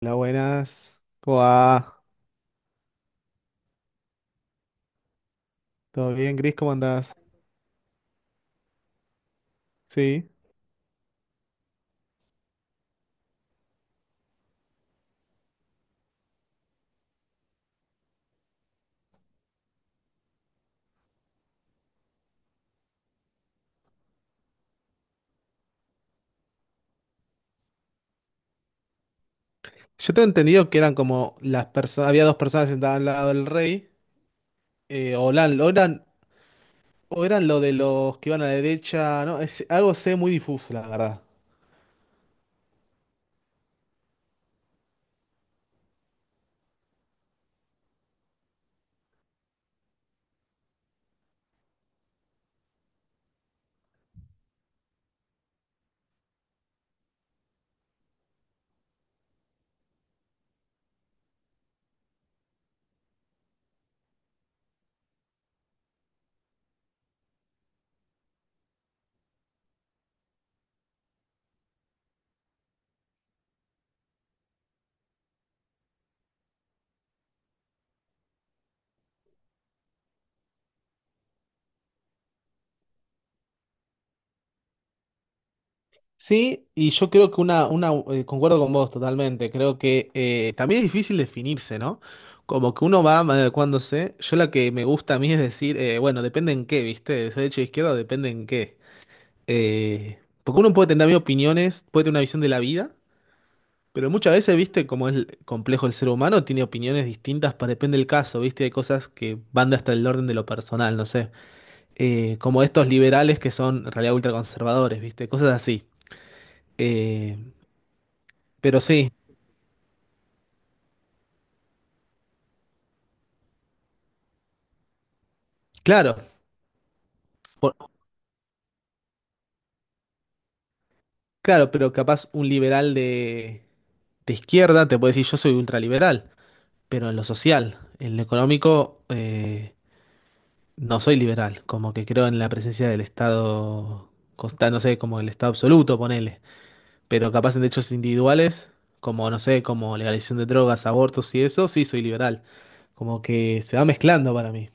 Hola, buenas. ¿Cómo va? ¿Todo bien, Gris? ¿Cómo andás? Sí. Yo tengo entendido que eran como las personas, había dos personas sentadas al lado del rey, o eran, o eran, o eran lo de los que iban a la derecha, no, es, algo sé muy difuso, la verdad. Sí, y yo creo que una concuerdo con vos totalmente, creo que también es difícil definirse, ¿no? Como que uno va adecuándose, yo la que me gusta a mí es decir, bueno, depende en qué, ¿viste? De derecha o izquierda, depende en qué. Porque uno puede tener opiniones, puede tener una visión de la vida, pero muchas veces, viste, como es complejo el ser humano, tiene opiniones distintas para depende del caso, viste, hay cosas que van hasta el orden de lo personal, no sé. Como estos liberales que son en realidad ultraconservadores, viste, cosas así. Eh, pero sí, claro, por- claro, pero capaz un liberal de izquierda te puede decir yo soy ultraliberal, pero en lo social, en lo económico... No soy liberal, como que creo en la presencia del Estado, no sé, como el Estado absoluto, ponele, pero capaz en derechos individuales, como, no sé, como legalización de drogas, abortos y eso, sí soy liberal, como que se va mezclando para mí.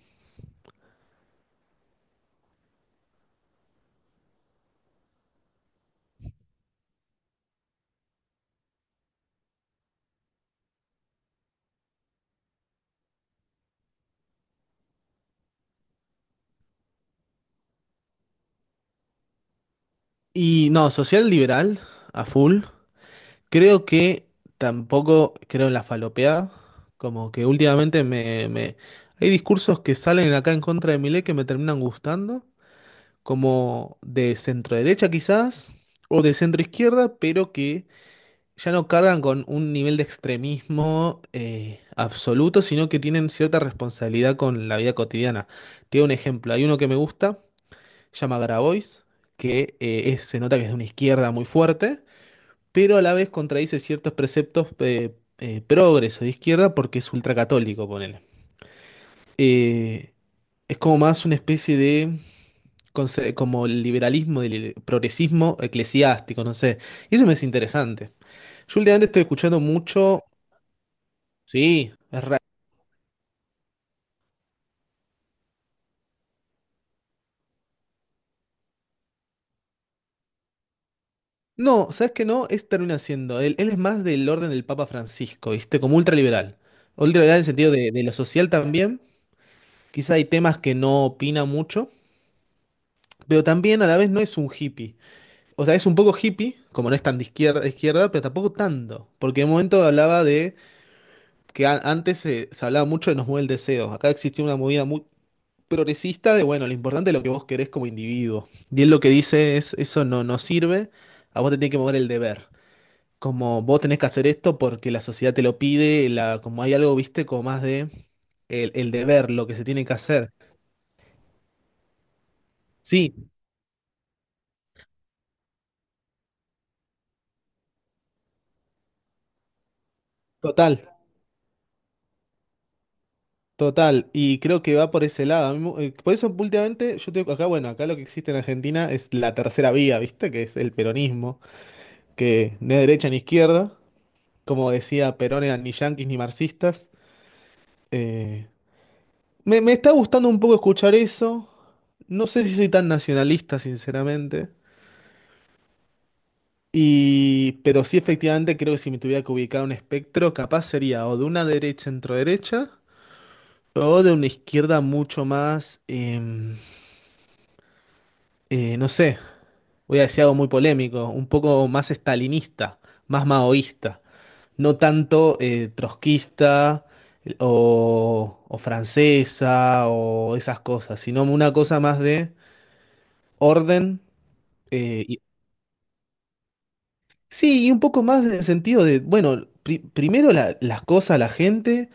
Y no, social liberal, a full, creo que tampoco creo en la falopeada, como que últimamente me... Hay discursos que salen acá en contra de Milei que me terminan gustando. Como de centro derecha quizás, o de centro izquierda, pero que ya no cargan con un nivel de extremismo absoluto, sino que tienen cierta responsabilidad con la vida cotidiana. Te doy un ejemplo, hay uno que me gusta, se llama Grabois, que se nota que es de una izquierda muy fuerte, pero a la vez contradice ciertos preceptos progres o de izquierda porque es ultracatólico, ponele. Eh, es como más una especie de como el liberalismo, el progresismo eclesiástico, no sé. Y eso me es interesante. Yo últimamente estoy escuchando mucho. Sí, es raro. No, ¿sabes qué no? Es termina siendo. Él es más del orden del Papa Francisco, ¿viste? Como ultraliberal. Ultraliberal en el sentido de lo social también. Quizá hay temas que no opina mucho, pero también a la vez no es un hippie. O sea, es un poco hippie, como no es tan de izquierda, pero tampoco tanto. Porque en un momento hablaba de que se hablaba mucho de nos mueve el deseo. Acá existía una movida muy progresista de, bueno, lo importante es lo que vos querés como individuo. Y él lo que dice es, eso no, no sirve, a vos te tiene que mover el deber. Como vos tenés que hacer esto porque la sociedad te lo pide, la, como hay algo, viste, como más de el deber, lo que se tiene que hacer. Sí, total. Total, y creo que va por ese lado. Por eso últimamente, yo tengo acá, bueno, acá lo que existe en Argentina es la tercera vía, ¿viste? Que es el peronismo, que no es derecha ni izquierda, como decía Perón, eran ni yanquis ni marxistas. Eh, me está gustando un poco escuchar eso. No sé si soy tan nacionalista, sinceramente. Y, pero sí, efectivamente, creo que si me tuviera que ubicar un espectro, capaz sería o de una derecha centro-derecha o de una izquierda mucho más, no sé, voy a decir algo muy polémico, un poco más estalinista, más maoísta. No tanto trotskista o francesa o esas cosas, sino una cosa más de orden. eh, y, sí, y un poco más en el sentido de, bueno, primero las cosas, la gente,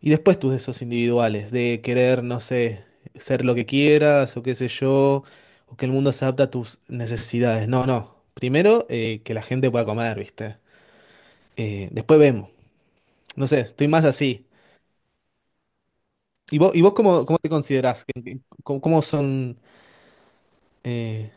y después tus deseos individuales, de querer, no sé, ser lo que quieras o qué sé yo, o que el mundo se adapte a tus necesidades. No, no. Primero, que la gente pueda comer, ¿viste? Después vemos. No sé, estoy más así. ¿Y vos cómo, cómo te considerás? ¿Cómo, cómo son? ¿Eh?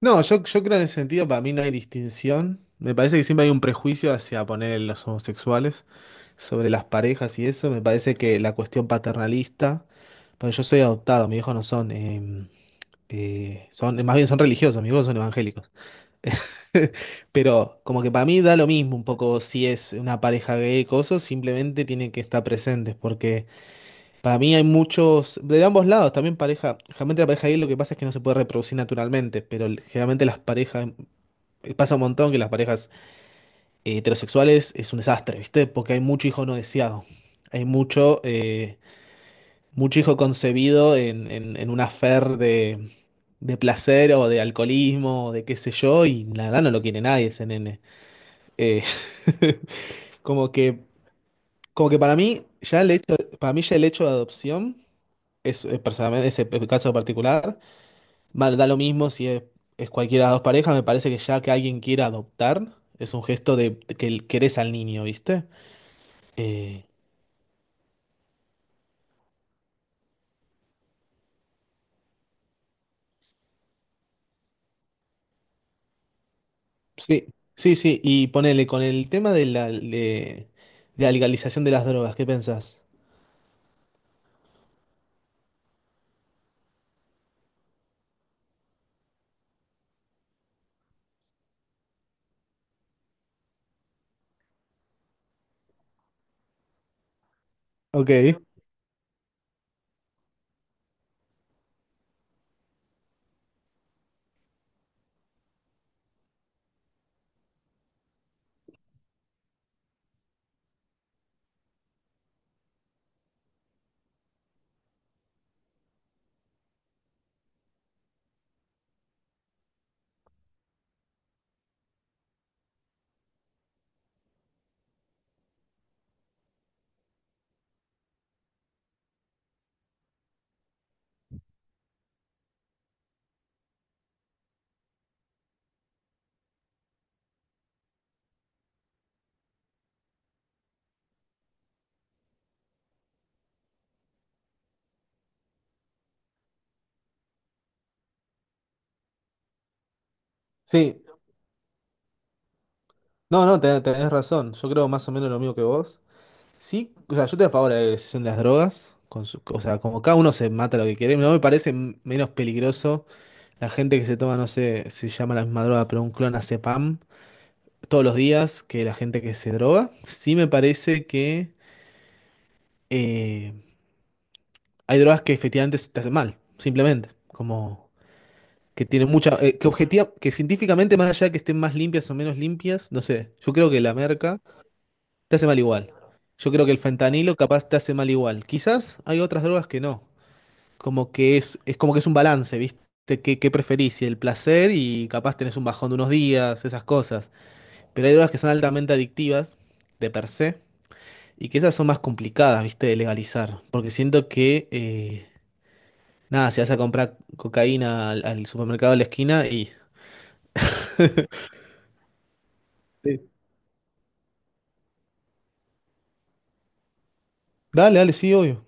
No, yo creo en ese sentido, para mí no hay distinción. Me parece que siempre hay un prejuicio hacia poner los homosexuales sobre las parejas y eso. Me parece que la cuestión paternalista, pero yo soy adoptado, mis hijos no son, más bien son religiosos, mis hijos son evangélicos. Pero como que para mí da lo mismo un poco si es una pareja gay o coso, simplemente tienen que estar presentes porque... Para mí hay muchos, de ambos lados, también pareja, generalmente la pareja gay lo que pasa es que no se puede reproducir naturalmente, pero generalmente las parejas, pasa un montón que las parejas heterosexuales es un desastre, ¿viste? Porque hay mucho hijo no deseado, hay mucho, mucho hijo concebido en un afer de placer o de alcoholismo o de qué sé yo, y la verdad no lo quiere nadie ese nene. Eh, Como que, como que para mí, para mí ya el hecho de adopción es, personalmente, ese caso particular, da lo mismo si es, es cualquiera de las dos parejas, me parece que ya que alguien quiera adoptar, es un gesto de, que querés al niño, ¿viste? Eh, sí, sí, sí, y ponele con el tema de la legalización de las drogas, ¿qué pensás? Ok, sí, no, no, tenés razón, yo creo más o menos lo mismo que vos. Sí, o sea, yo estoy a favor de la legalización de las drogas, con o sea, como cada uno se mata lo que quiere, no me parece menos peligroso. La gente que se toma, no sé si se llama la misma droga, pero un clonazepam todos los días que la gente que se droga. Sí me parece que eh, hay drogas que efectivamente te hacen mal, simplemente. Como que tienen mucha. Que objetiva, que científicamente, más allá de que estén más limpias o menos limpias, no sé. Yo creo que la merca te hace mal igual. Yo creo que el fentanilo capaz te hace mal igual. Quizás hay otras drogas que no. Como que es como que es un balance, ¿viste? ¿Qué, qué preferís? Si el placer y capaz tenés un bajón de unos días, esas cosas. Pero hay drogas que son altamente adictivas, de per se, y que esas son más complicadas, viste, de legalizar. Porque siento que, nada, si vas a comprar cocaína al, al supermercado de la esquina y... Sí. Dale, dale, sí, obvio.